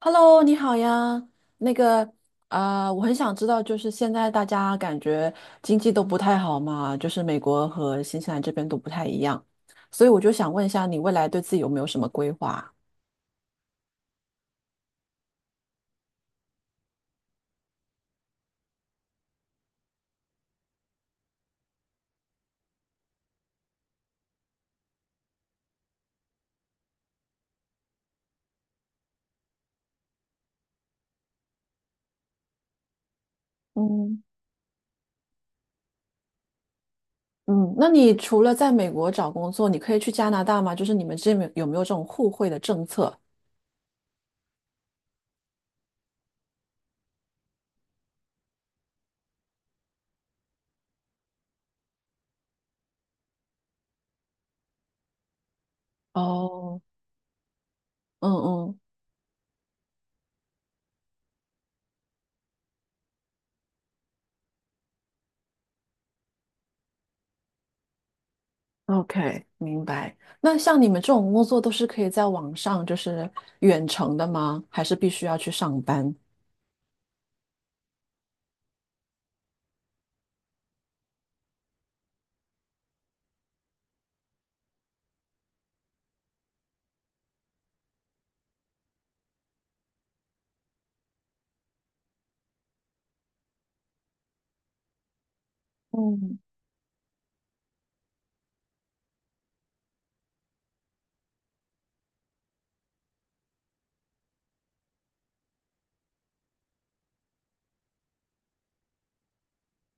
Hello，你好呀。那个，啊，我很想知道，就是现在大家感觉经济都不太好嘛，就是美国和新西兰这边都不太一样，所以我就想问一下，你未来对自己有没有什么规划？嗯，嗯，那你除了在美国找工作，你可以去加拿大吗？就是你们这边有没有这种互惠的政策？哦，嗯嗯，OK,明白。那像你们这种工作都是可以在网上就是远程的吗？还是必须要去上班？嗯。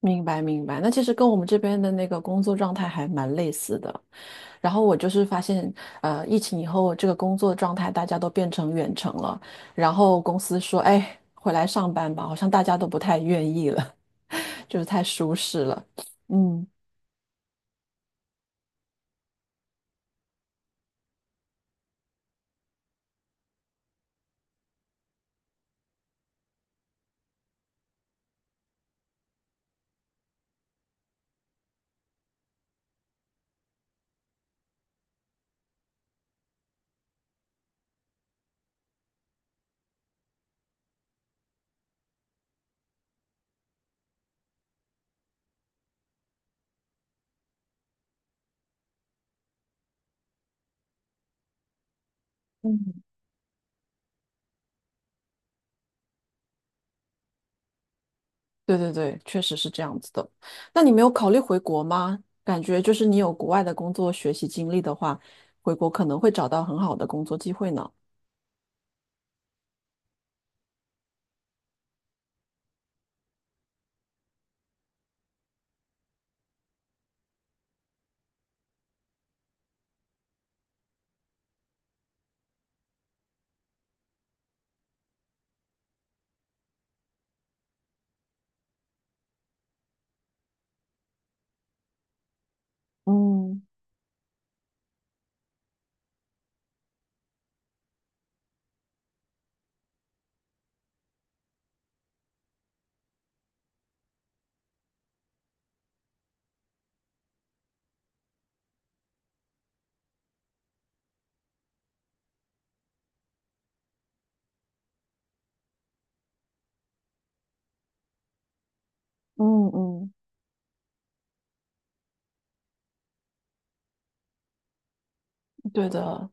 明白明白，那其实跟我们这边的那个工作状态还蛮类似的。然后我就是发现，疫情以后这个工作状态大家都变成远程了，然后公司说，哎，回来上班吧，好像大家都不太愿意了，就是太舒适了。嗯，嗯。对对对，确实是这样子的。那你没有考虑回国吗？感觉就是你有国外的工作学习经历的话，回国可能会找到很好的工作机会呢。嗯嗯嗯，对的。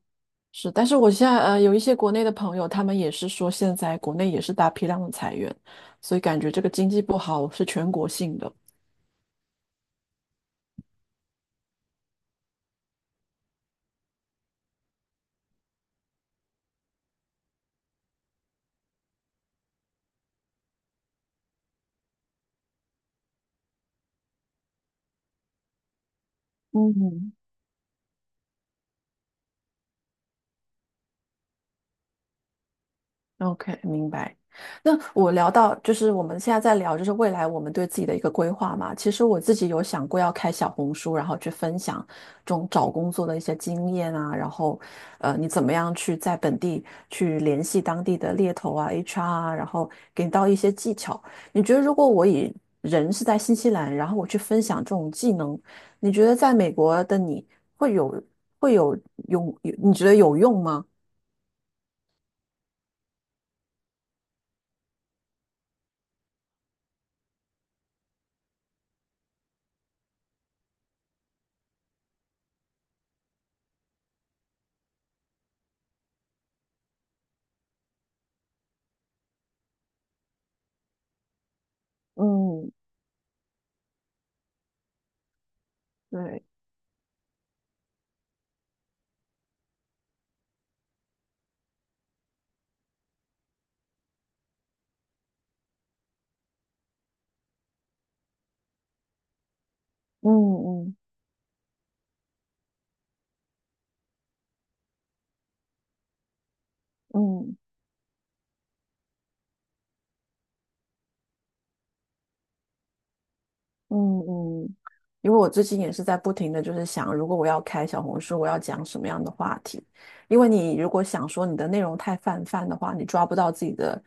是，但是我现在呃有一些国内的朋友，他们也是说现在国内也是大批量的裁员，所以感觉这个经济不好是全国性的。嗯。OK,明白。那我聊到就是我们现在在聊，就是未来我们对自己的一个规划嘛。其实我自己有想过要开小红书，然后去分享这种找工作的一些经验啊，然后你怎么样去在本地去联系当地的猎头啊、HR 啊，然后给到一些技巧。你觉得如果我以人是在新西兰，然后我去分享这种技能，你觉得在美国的你会有会有用？你觉得有用吗？嗯，对，嗯嗯嗯嗯，因为我最近也是在不停的就是想，如果我要开小红书，我要讲什么样的话题？因为你如果想说你的内容太泛泛的话，你抓不到自己的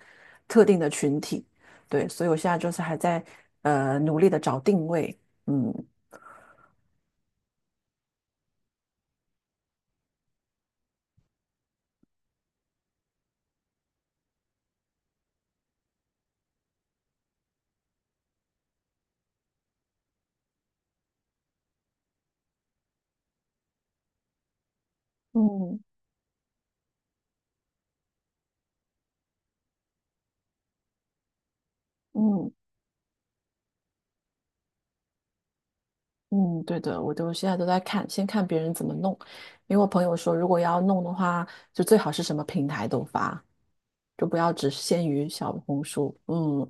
特定的群体，对，所以我现在就是还在努力的找定位，嗯嗯嗯嗯，对的，我都现在都在看，先看别人怎么弄，因为我朋友说，如果要弄的话，就最好是什么平台都发，就不要只限于小红书，嗯。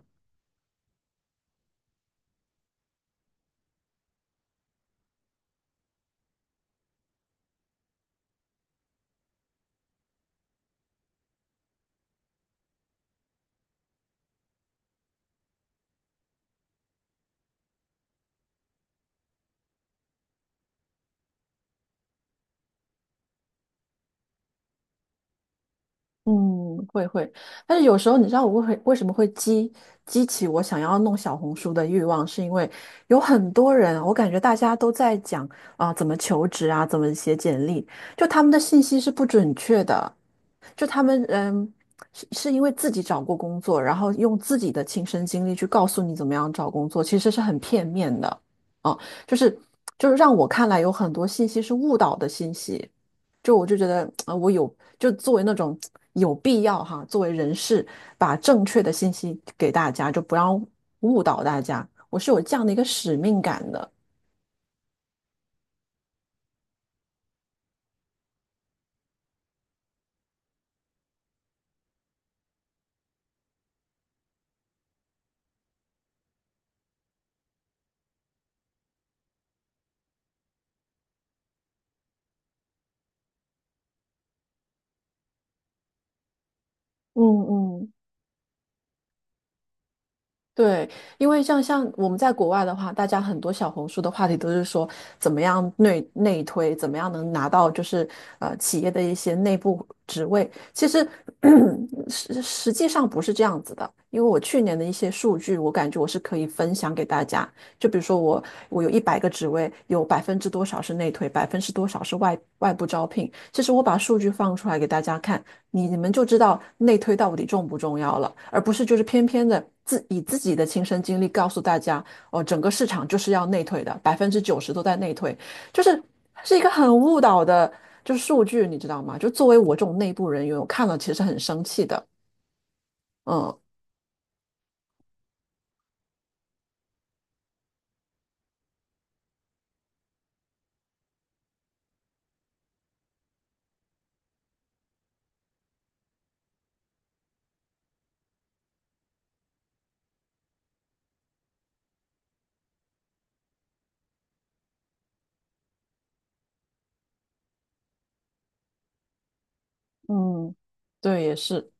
嗯，会会，但是有时候你知道我会为什么会激起我想要弄小红书的欲望，是因为有很多人，我感觉大家都在讲啊、怎么求职啊，怎么写简历，就他们的信息是不准确的，就他们是因为自己找过工作，然后用自己的亲身经历去告诉你怎么样找工作，其实是很片面的，啊，就是就是让我看来有很多信息是误导的信息，就我就觉得啊、我有就作为那种有必要哈，作为人士把正确的信息给大家，就不要误导大家，我是有这样的一个使命感的，嗯嗯。对，因为像我们在国外的话，大家很多小红书的话题都是说怎么样内推，怎么样能拿到就是企业的一些内部职位。其实 实际上不是这样子的，因为我去年的一些数据，我感觉我是可以分享给大家。就比如说我有100个职位，有百分之多少是内推，百分之多少是外部招聘。其实我把数据放出来给大家看，你们就知道内推到底重不重要了，而不是就是偏偏的自己的亲身经历告诉大家，哦，整个市场就是要内推的，90%都在内推，就是是一个很误导的，就是数据，你知道吗？就作为我这种内部人员，我看了其实很生气的，嗯，嗯。对，也是。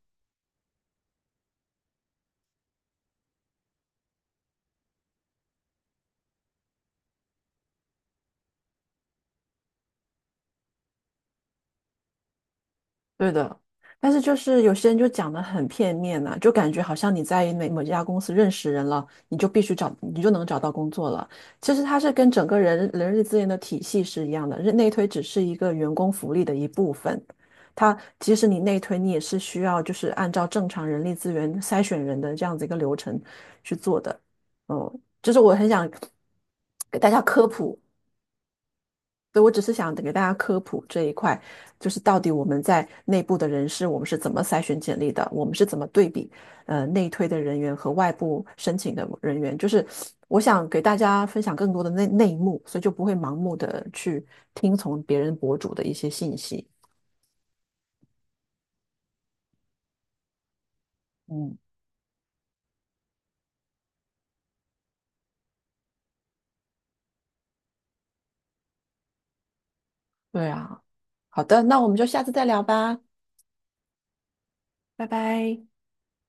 对的，但是就是有些人就讲的很片面呐、就感觉好像你在某某家公司认识人了，你就必须找，你就能找到工作了。其实它是跟整个力资源的体系是一样的，内推只是一个员工福利的一部分。它即使你内推，你也是需要就是按照正常人力资源筛选人的这样子一个流程去做的。嗯，就是我很想给大家科普。所以，我只是想给大家科普这一块，就是到底我们在内部的人事，我们是怎么筛选简历的，我们是怎么对比，呃，内推的人员和外部申请的人员，就是我想给大家分享更多的内幕，所以就不会盲目的去听从别人博主的一些信息。嗯，对啊，好的，那我们就下次再聊吧，拜拜。